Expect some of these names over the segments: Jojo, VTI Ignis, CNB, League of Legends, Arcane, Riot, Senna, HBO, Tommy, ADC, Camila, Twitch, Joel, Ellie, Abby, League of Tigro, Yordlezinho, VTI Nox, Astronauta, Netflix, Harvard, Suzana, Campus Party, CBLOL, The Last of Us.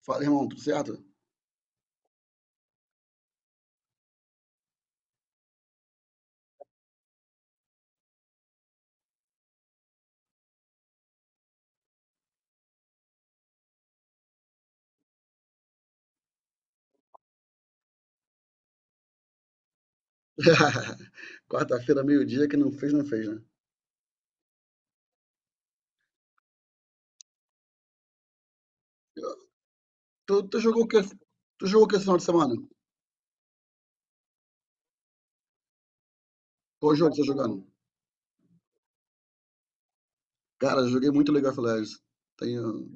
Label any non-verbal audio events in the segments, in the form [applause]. Fala, irmão, tudo certo? [laughs] Quarta-feira, meio-dia, que não fez, não fez, né? Tu jogou o que? Tu jogou o que esse final de semana? Qual jogo você tá jogando? Cara, eu joguei muito League of Legends. Tenho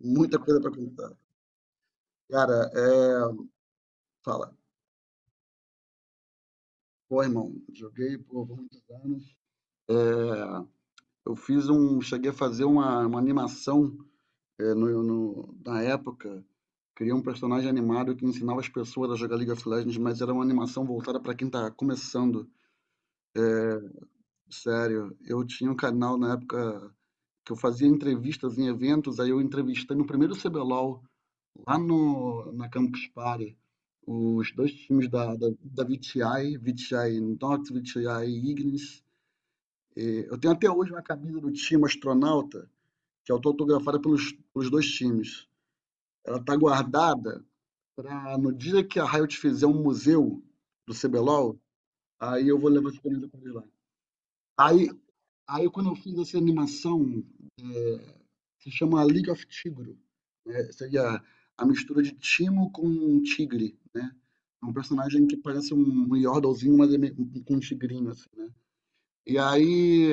muita coisa pra contar. Cara, é. Fala. Pô, irmão, joguei por muitos anos. É, eu fiz um. Cheguei a fazer uma animação na época. Criei um personagem animado que ensinava as pessoas a jogar League of Legends, mas era uma animação voltada pra quem tá começando. Sério, eu tinha um canal na época que eu fazia entrevistas em eventos, aí eu entrevistei no primeiro CBLOL, lá no, na Campus Party, os dois times da VTI, VTI Nox, VTI Ignis. Eu tenho até hoje uma camisa do time Astronauta, que é autografada pelos dois times. Ela tá guardada para no dia que a Riot fizer um museu do CBLOL, aí eu vou levar essa camisa para eles lá. Aí, aí, quando eu fiz essa animação, se chama League of Tigro, né? Seria a mistura de Timo com Tigre, né? É um personagem que parece um Yordlezinho, mas é meio, com um tigrinho, assim, né? E aí,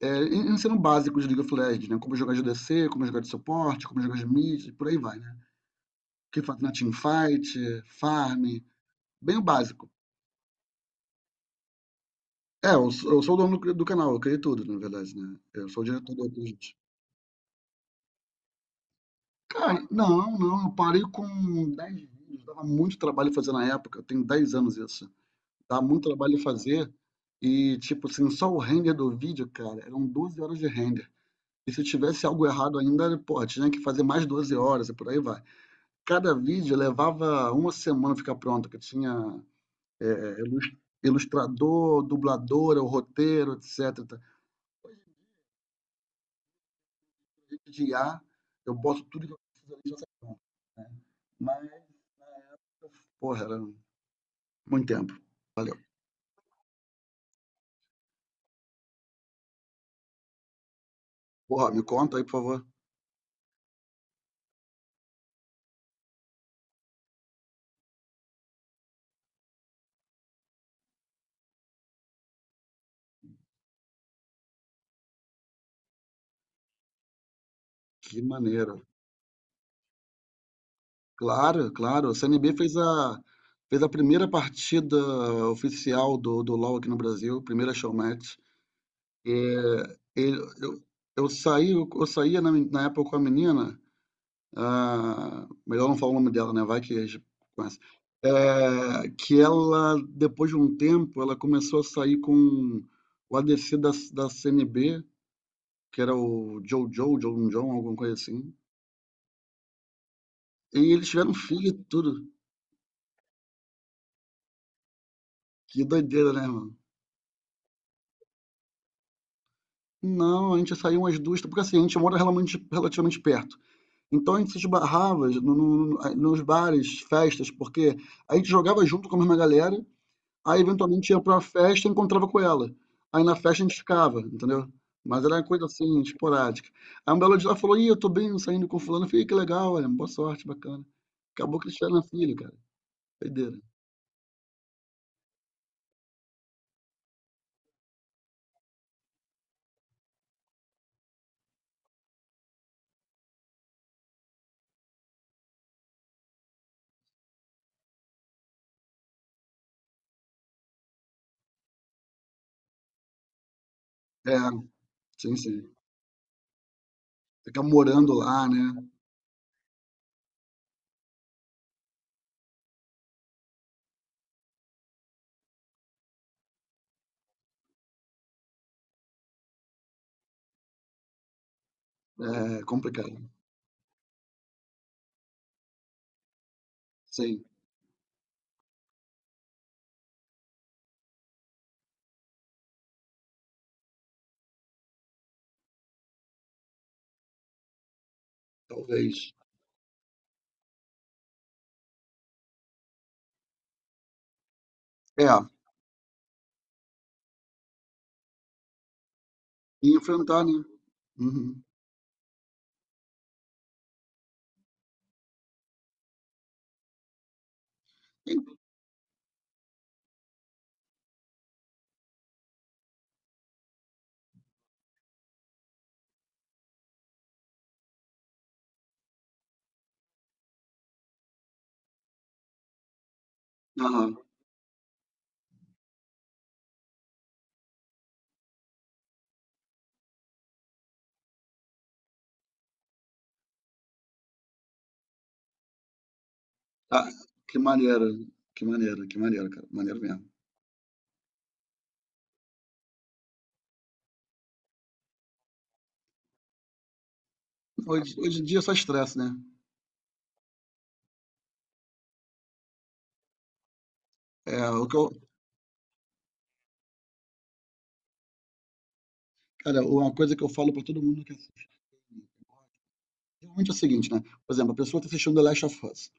ensinam básicos de League of Legends, né? Como jogar de ADC, como jogar de suporte, como jogar de mid, e por aí vai, né? O que faz na teamfight, farm, bem o básico. É, eu sou o dono do canal, eu criei tudo, na verdade, né? Eu sou o diretor do Twitch. Cara, não, não, eu parei com 10 vídeos, dava muito trabalho fazer na época, eu tenho 10 anos isso. Dava muito trabalho fazer e, tipo assim, só o render do vídeo, cara, eram 12 horas de render. E se tivesse algo errado ainda, pô, tinha que fazer mais 12 horas e por aí vai. Cada vídeo levava uma semana ficar pronto, que tinha é, ilus- ilustrador, dubladora, o roteiro, etc. De I A, eu boto tudo que eu preciso ali e já sai pronto. Mas, porra, era muito tempo. Porra, me conta aí, por favor. Que maneiro. Claro, claro. O CNB fez a primeira partida oficial do LoL aqui no Brasil, primeira showmatch. E, ele- eu, eu saí, eu, eu saía na época com a menina, ah, melhor não falar o nome dela, né? Vai que a gente conhece. É, que ela, depois de um tempo, ela começou a sair com o a ADC da CNB, que era o Jojo, John John, alguma coisa assim. E eles tiveram um filho e tudo. Que doideira, né, mano? Não, a gente saiu umas duas, porque assim, a gente mora relativamente perto. Então a gente se esbarrava nos bares, festas, porque a gente jogava junto com a mesma galera, aí eventualmente ia pra uma festa e encontrava com ela. Aí na festa a gente ficava, entendeu? Mas era uma coisa assim, esporádica. Aí um belo dia ela falou, ih, eu tô bem saindo com fulano. Eu falei, que legal, olha, boa sorte, bacana. Acabou que eles tiveram filho, cara. Doideira. É, sim, sim. Ficar morando lá, né? É complicado. Sim, talvez. É, e enfrentar, né? Uhum. Aham. Ah, que maneira, que maneira, que maneira, cara. Maneiro mesmo. Hoje em dia é só estresse, né? É, cara, uma coisa que eu falo pra todo mundo que assiste, realmente é o seguinte, né? Por exemplo, a pessoa tá assistindo The Last of Us.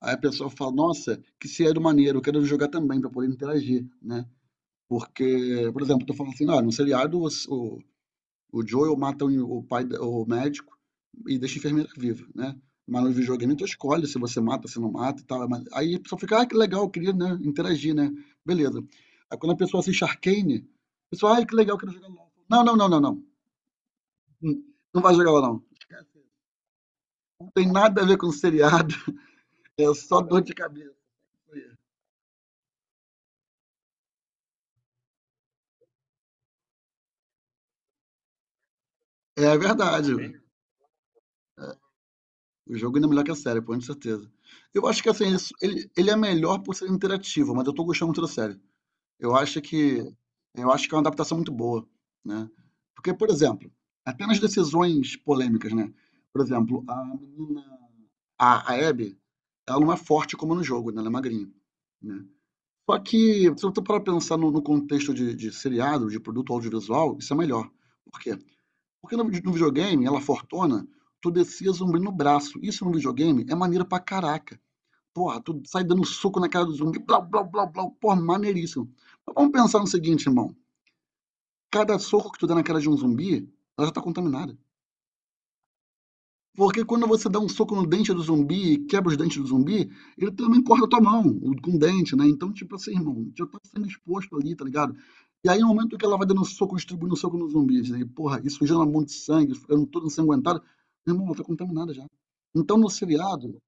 Aí a pessoa fala, nossa, que seriado maneiro, eu quero jogar também pra poder interagir, né? Porque, por exemplo, tô falando assim, ah, no seriado o, O Joel mata o pai, o médico, e deixa a enfermeira viva, né? Mas no videogame tu escolhe se você mata, se não mata e tal. Mas aí a pessoa fica, ah, que legal, eu queria, né, interagir, né? Beleza. Aí quando a pessoa assiste Arcane, a pessoa, ah, que legal, eu quero jogar LOL. Não, não, não, não, não. Hum, não vai jogar lá, não. Não tem nada a ver com o seriado. [laughs] É só dor de cabeça. É verdade. O jogo ainda é melhor que a série, pô, com certeza. Eu acho que assim, ele é melhor por ser interativo, mas eu tô gostando muito da série. Eu acho que eu acho que é uma adaptação muito boa, né? Porque, por exemplo, apenas decisões polêmicas, né? Por exemplo, a menina, a Abby, ela não é forte como é no jogo, né? Ela é magrinha, né? Só que, se eu tô para pensar no contexto de seriado, de produto audiovisual, isso é melhor. Por quê? Porque no videogame, ela fortona, tu descia zumbi no braço. Isso no videogame é maneiro pra caraca. Porra, tu sai dando soco na cara do zumbi, blá, blá, blá, blá, porra, maneiríssimo. Mas vamos pensar no seguinte, irmão. Cada soco que tu dá na cara de um zumbi, ela já tá contaminada. Porque quando você dá um soco no dente do zumbi e quebra os dentes do zumbi, ele também corta a tua mão com o dente, né? Então, tipo assim, irmão, já tá sendo exposto ali, tá ligado? E aí, no momento que ela vai dando soco, distribuindo soco nos zumbis, né, e porra, isso sujando um monte de sangue, ficando toda ensanguentado, meu irmão, ela tá contaminada já. Então, no seriado,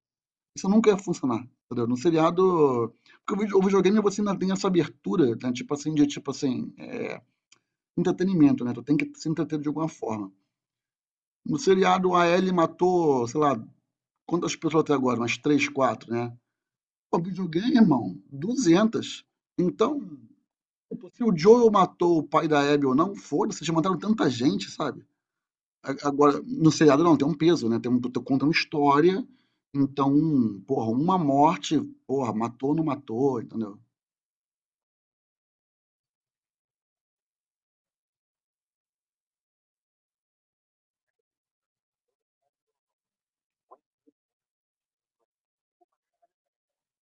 isso nunca ia funcionar, entendeu? No seriado. Porque o videogame você ainda tem essa abertura, né? Tipo assim, de tipo assim, entretenimento, né? Tu tem que se entreter de alguma forma. No seriado, a Ellie matou, sei lá, quantas pessoas até agora? Umas três, quatro, né? Pô, videogame, irmão, 200. Então, tipo, se o Joel matou o pai da Abby ou não, foda-se, já mataram tanta gente, sabe? Agora, no seriado não, tem um peso, né? Tem um, tu conta uma história, então, porra, uma morte, porra, matou ou não matou, entendeu?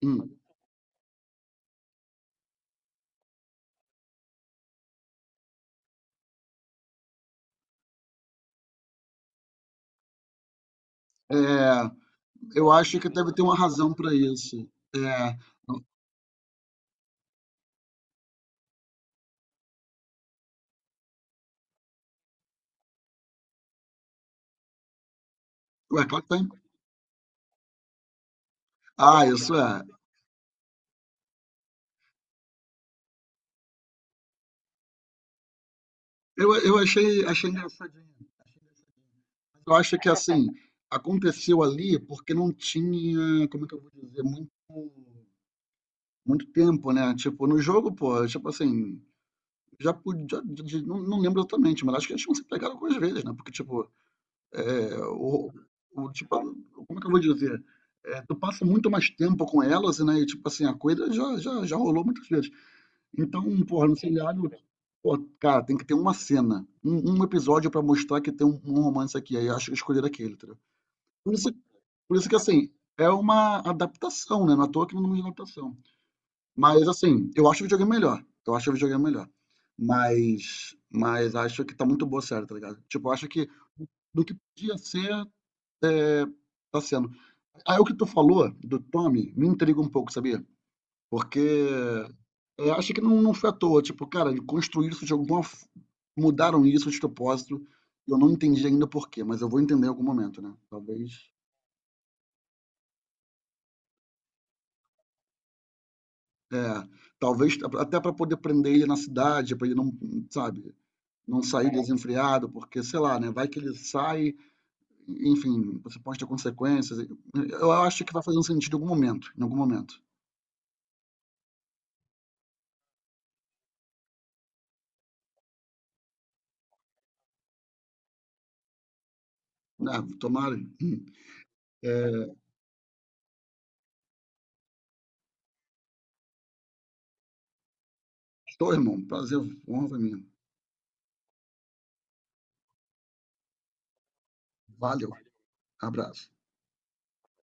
Hum. É, eu acho que deve ter uma razão pra isso. É, ué, claro que tem. Ah, isso é. Eu achei engraçadinho. Achei engraçadinho. Mas eu acho que assim, aconteceu ali porque não tinha, como é que eu vou dizer, muito, muito tempo, né? Tipo, no jogo, pô, tipo assim, já podia, não, não lembro exatamente, mas acho que eles tinham se pegado algumas vezes, né? Porque, tipo, é, o, tipo, como é que eu vou dizer? É, tu passa muito mais tempo com elas, né? E, tipo assim, a coisa já rolou muitas vezes. Então, porra, no seriado, pô, cara, tem que ter uma cena, um episódio pra mostrar que tem um romance aqui. Aí eu acho que escolher aquele, entendeu? Por isso, por isso que, assim, é uma adaptação, né? Não é à toa que não é uma adaptação. Mas, assim, eu acho o videogame melhor. Eu acho o videogame melhor. Mas acho que tá muito boa a série, tá ligado? Tipo, eu acho que do que podia ser, é, tá sendo. Aí o que tu falou do Tommy me intriga um pouco, sabia? Porque acho que não foi à toa. Tipo, cara, ele construiu isso de alguma. Mudaram isso de propósito. Eu não entendi ainda por quê, mas eu vou entender em algum momento, né? Talvez. É, talvez até para poder prender ele na cidade, para ele não, sabe, não sair desenfreado, porque sei lá, né? Vai que ele sai, enfim, você pode ter consequências. Eu acho que vai fazer um sentido em algum momento, em algum momento. Né? Tomara. Estou, irmão. Prazer, honra pra mim. Valeu. Abraço.